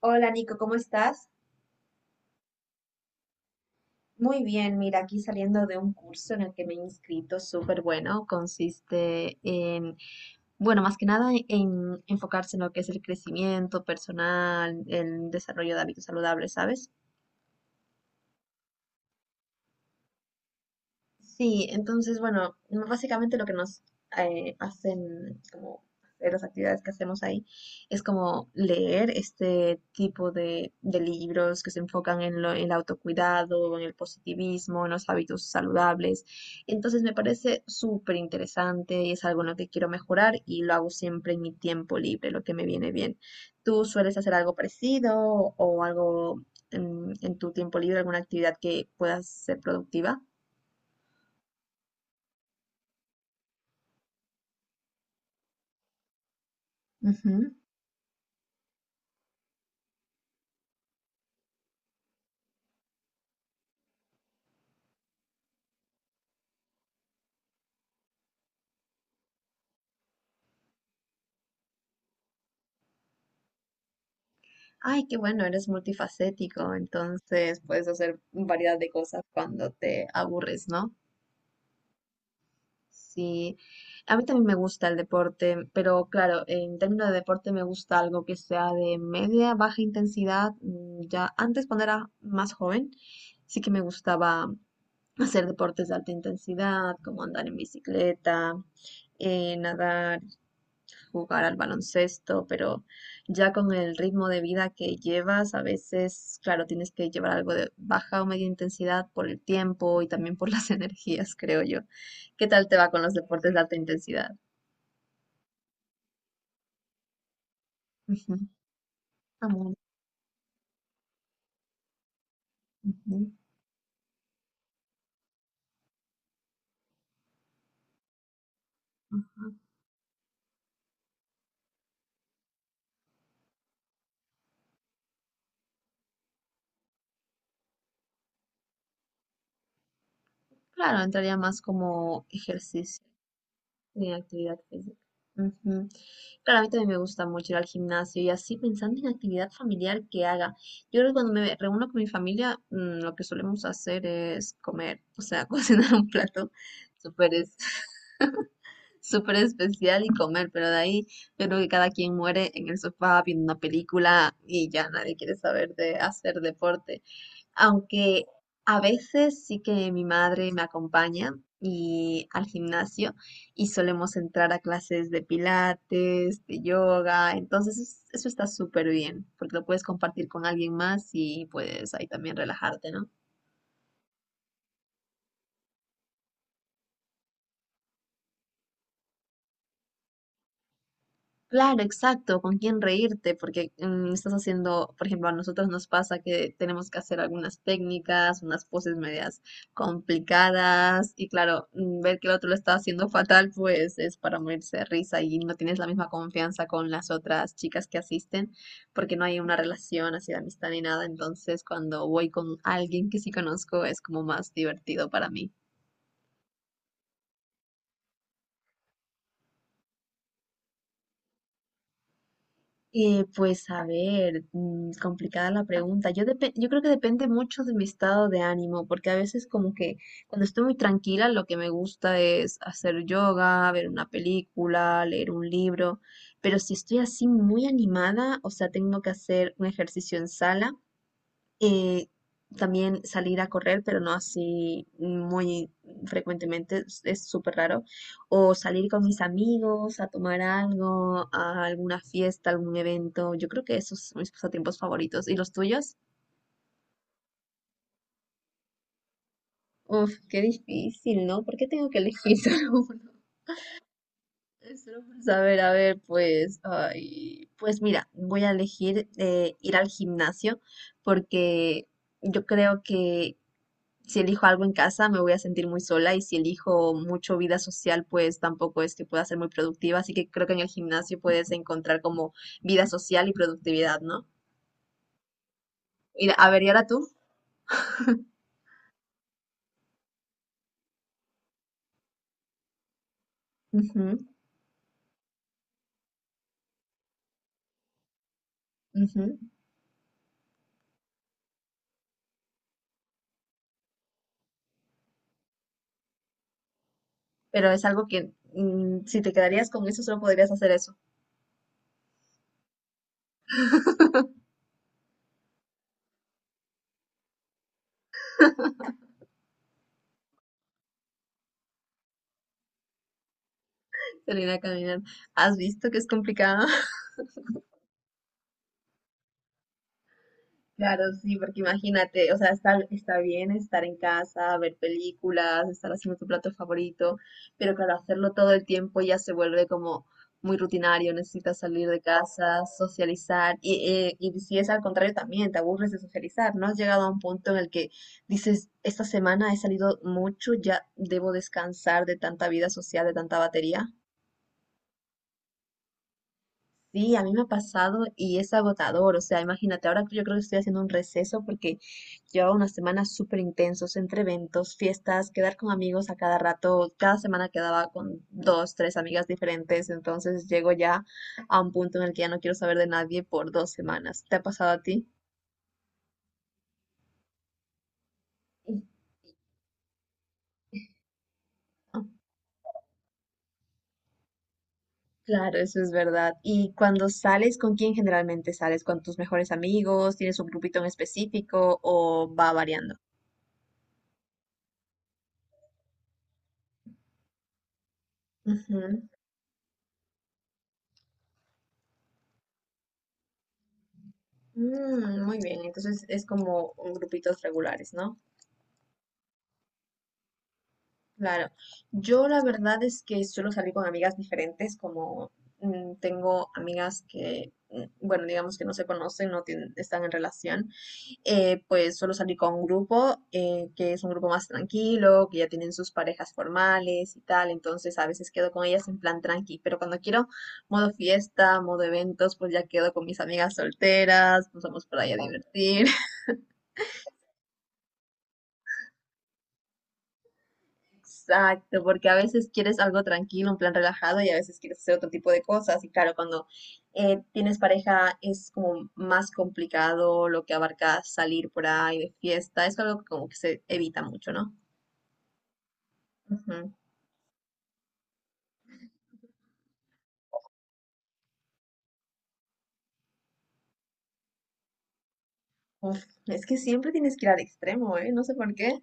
Hola Nico, ¿cómo estás? Muy bien, mira, aquí saliendo de un curso en el que me he inscrito, súper bueno. Consiste en, bueno, más que nada en enfocarse en lo que es el crecimiento personal, el desarrollo de hábitos saludables, ¿sabes? Sí, entonces, bueno, básicamente lo que nos hacen, como de las actividades que hacemos ahí, es como leer este tipo de libros que se enfocan en en el autocuidado, en el positivismo, en los hábitos saludables. Entonces me parece súper interesante y es algo en lo que quiero mejorar y lo hago siempre en mi tiempo libre, lo que me viene bien. ¿Tú sueles hacer algo parecido o algo en tu tiempo libre, alguna actividad que pueda ser productiva? Ay, qué bueno, eres multifacético, entonces puedes hacer variedad de cosas cuando te aburres, ¿no? Sí, a mí también me gusta el deporte, pero claro, en términos de deporte me gusta algo que sea de media, baja intensidad. Ya antes cuando era más joven, sí que me gustaba hacer deportes de alta intensidad, como andar en bicicleta, nadar, jugar al baloncesto, pero ya con el ritmo de vida que llevas, a veces, claro, tienes que llevar algo de baja o media intensidad por el tiempo y también por las energías, creo yo. ¿Qué tal te va con los deportes de alta intensidad? Ujú, amor, ujú, ujú. Claro, entraría más como ejercicio. De actividad física. Ujú. Claro, a mí también me gusta mucho ir al gimnasio y así pensando en actividad familiar que haga. Yo creo que cuando me reúno con mi familia, lo que solemos hacer es comer, o sea, cocinar un plato súper es- súper especial y comer, pero de ahí yo creo que cada quien muere en el sofá viendo una película y ya nadie quiere saber de hacer deporte. Aunque a veces sí que mi madre me acompaña y al gimnasio y solemos entrar a clases de pilates, de yoga, entonces eso está súper bien porque lo puedes compartir con alguien más y puedes ahí también relajarte, ¿no? Claro, exacto, con quién reírte, porque estás haciendo, por ejemplo, a nosotros nos pasa que tenemos que hacer algunas técnicas, unas poses medias complicadas, y claro, ver que el otro lo está haciendo fatal, pues es para morirse de risa y no tienes la misma confianza con las otras chicas que asisten, porque no hay una relación así de amistad ni nada, entonces cuando voy con alguien que sí conozco es como más divertido para mí. Pues a ver, complicada la pregunta. Yo, yo creo que depende mucho de mi estado de ánimo, porque a veces como que cuando estoy muy tranquila lo que me gusta es hacer yoga, ver una película, leer un libro, pero si estoy así muy animada, o sea, tengo que hacer un ejercicio en sala, eh, también salir a correr, pero no así muy frecuentemente, es súper raro. O salir con mis amigos a tomar algo, a alguna fiesta, algún evento. Yo creo que esos son mis pasatiempos favoritos. ¿Y los tuyos? Uf, qué difícil, ¿no? ¿Por qué tengo que elegir solo uno? Es solo por saber, a ver, pues, ay, pues mira, voy a elegir ir al gimnasio porque yo creo que si elijo algo en casa, me voy a sentir muy sola y si elijo mucho vida social, pues tampoco es que pueda ser muy productiva. Así que creo que en el gimnasio puedes encontrar como vida social y productividad, ¿no? Y, a ver, ¿y ahora tú? Ujú, ujú. Pero es algo que, si te quedarías con eso, solo podrías hacer eso, salir a caminar. ¿Has visto que es complicado? Claro, sí, porque imagínate, o sea, está bien estar en casa, ver películas, estar haciendo tu plato favorito, pero claro, hacerlo todo el tiempo ya se vuelve como muy rutinario, necesitas salir de casa, socializar, y si es al contrario también, te aburres de socializar, ¿no? Has llegado a un punto en el que dices, esta semana he salido mucho, ya debo descansar de tanta vida social, de tanta batería. Sí, a mí me ha pasado y es agotador. O sea, imagínate, ahora yo creo que estoy haciendo un receso porque llevaba unas semanas súper intensos entre eventos, fiestas, quedar con amigos a cada rato. Cada semana quedaba con dos, tres amigas diferentes. Entonces llego ya a un punto en el que ya no quiero saber de nadie por dos semanas. ¿Te ha pasado a ti? Y ah, claro, eso es verdad. ¿Y cuando sales, con quién generalmente sales? ¿Con tus mejores amigos? ¿Tienes un grupito en específico o va variando? Mm, muy bien, entonces es como un grupitos regulares, ¿no? Claro. Yo la verdad es que suelo salir con amigas diferentes, como tengo amigas que, bueno, digamos que no se conocen, no tienen- están en relación, pues suelo salir con un grupo, que es un grupo más tranquilo, que ya tienen sus parejas formales y tal, entonces a veces quedo con ellas en plan tranqui, pero cuando quiero modo fiesta, modo eventos, pues ya quedo con mis amigas solteras, nos vamos por ahí a divertir. Exacto, porque a veces quieres algo tranquilo, un plan relajado y a veces quieres hacer otro tipo de cosas. Y claro, cuando tienes pareja es como más complicado lo que abarca salir por ahí de fiesta. Es algo que como que se evita mucho, ¿no? Ujú. Uf, es que siempre tienes que ir al extremo, ¿eh? No sé por qué.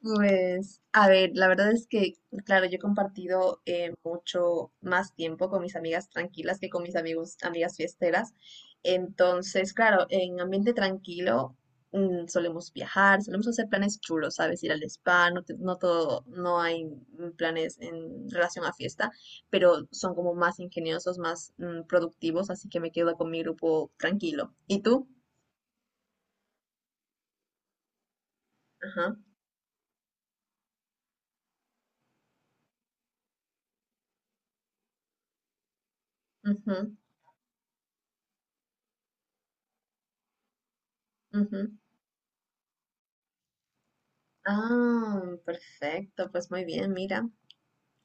Pues, a ver, la verdad es que, claro, yo he compartido mucho más tiempo con mis amigas tranquilas que con mis amigas fiesteras. Entonces, claro, en ambiente tranquilo, solemos viajar, solemos hacer planes chulos, ¿sabes? Ir al spa, no, no todo, no hay, planes en relación a fiesta, pero son como más ingeniosos, más, productivos, así que me quedo con mi grupo tranquilo. ¿Y tú? Ajá. Ujú, ujú. Ah, perfecto, pues muy bien, mira,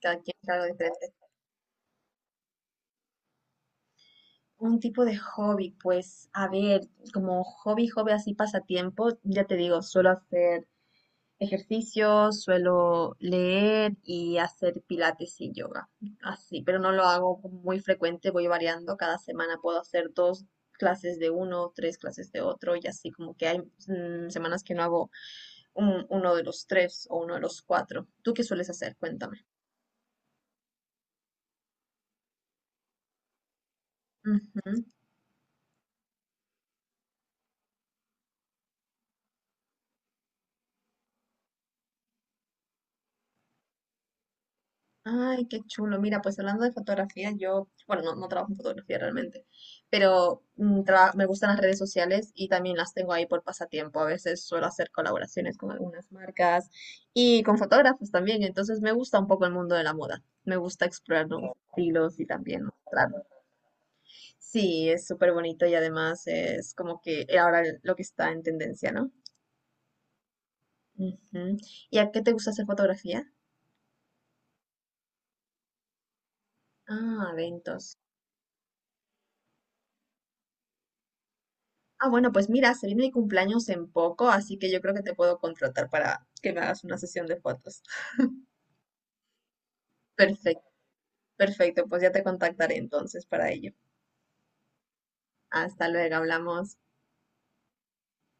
cada quien es algo diferente. Un tipo de hobby, pues, a ver, como hobby, hobby así pasatiempo, ya te digo, suelo hacer ejercicio, suelo leer y hacer pilates y yoga, así, pero no lo hago muy frecuente, voy variando, cada semana puedo hacer dos clases de uno, tres clases de otro y así, como que hay, semanas que no hago uno de los tres o uno de los cuatro. ¿Tú qué sueles hacer? Cuéntame. Ujú. Ay, qué chulo. Mira, pues hablando de fotografía, yo, bueno, no, no trabajo en fotografía realmente, pero me gustan las redes sociales y también las tengo ahí por pasatiempo. A veces suelo hacer colaboraciones con algunas marcas y con fotógrafos también. Entonces me gusta un poco el mundo de la moda. Me gusta explorar nuevos estilos y también mostrar. Sí, es súper bonito y además es como que ahora lo que está en tendencia, ¿no? Ujú. ¿Y a qué te gusta hacer fotografía? Ah, eventos. Ah, bueno, pues mira, se viene mi cumpleaños en poco, así que yo creo que te puedo contratar para que me hagas una sesión de fotos. Perfecto, perfecto, pues ya te contactaré entonces para ello. Hasta luego, hablamos.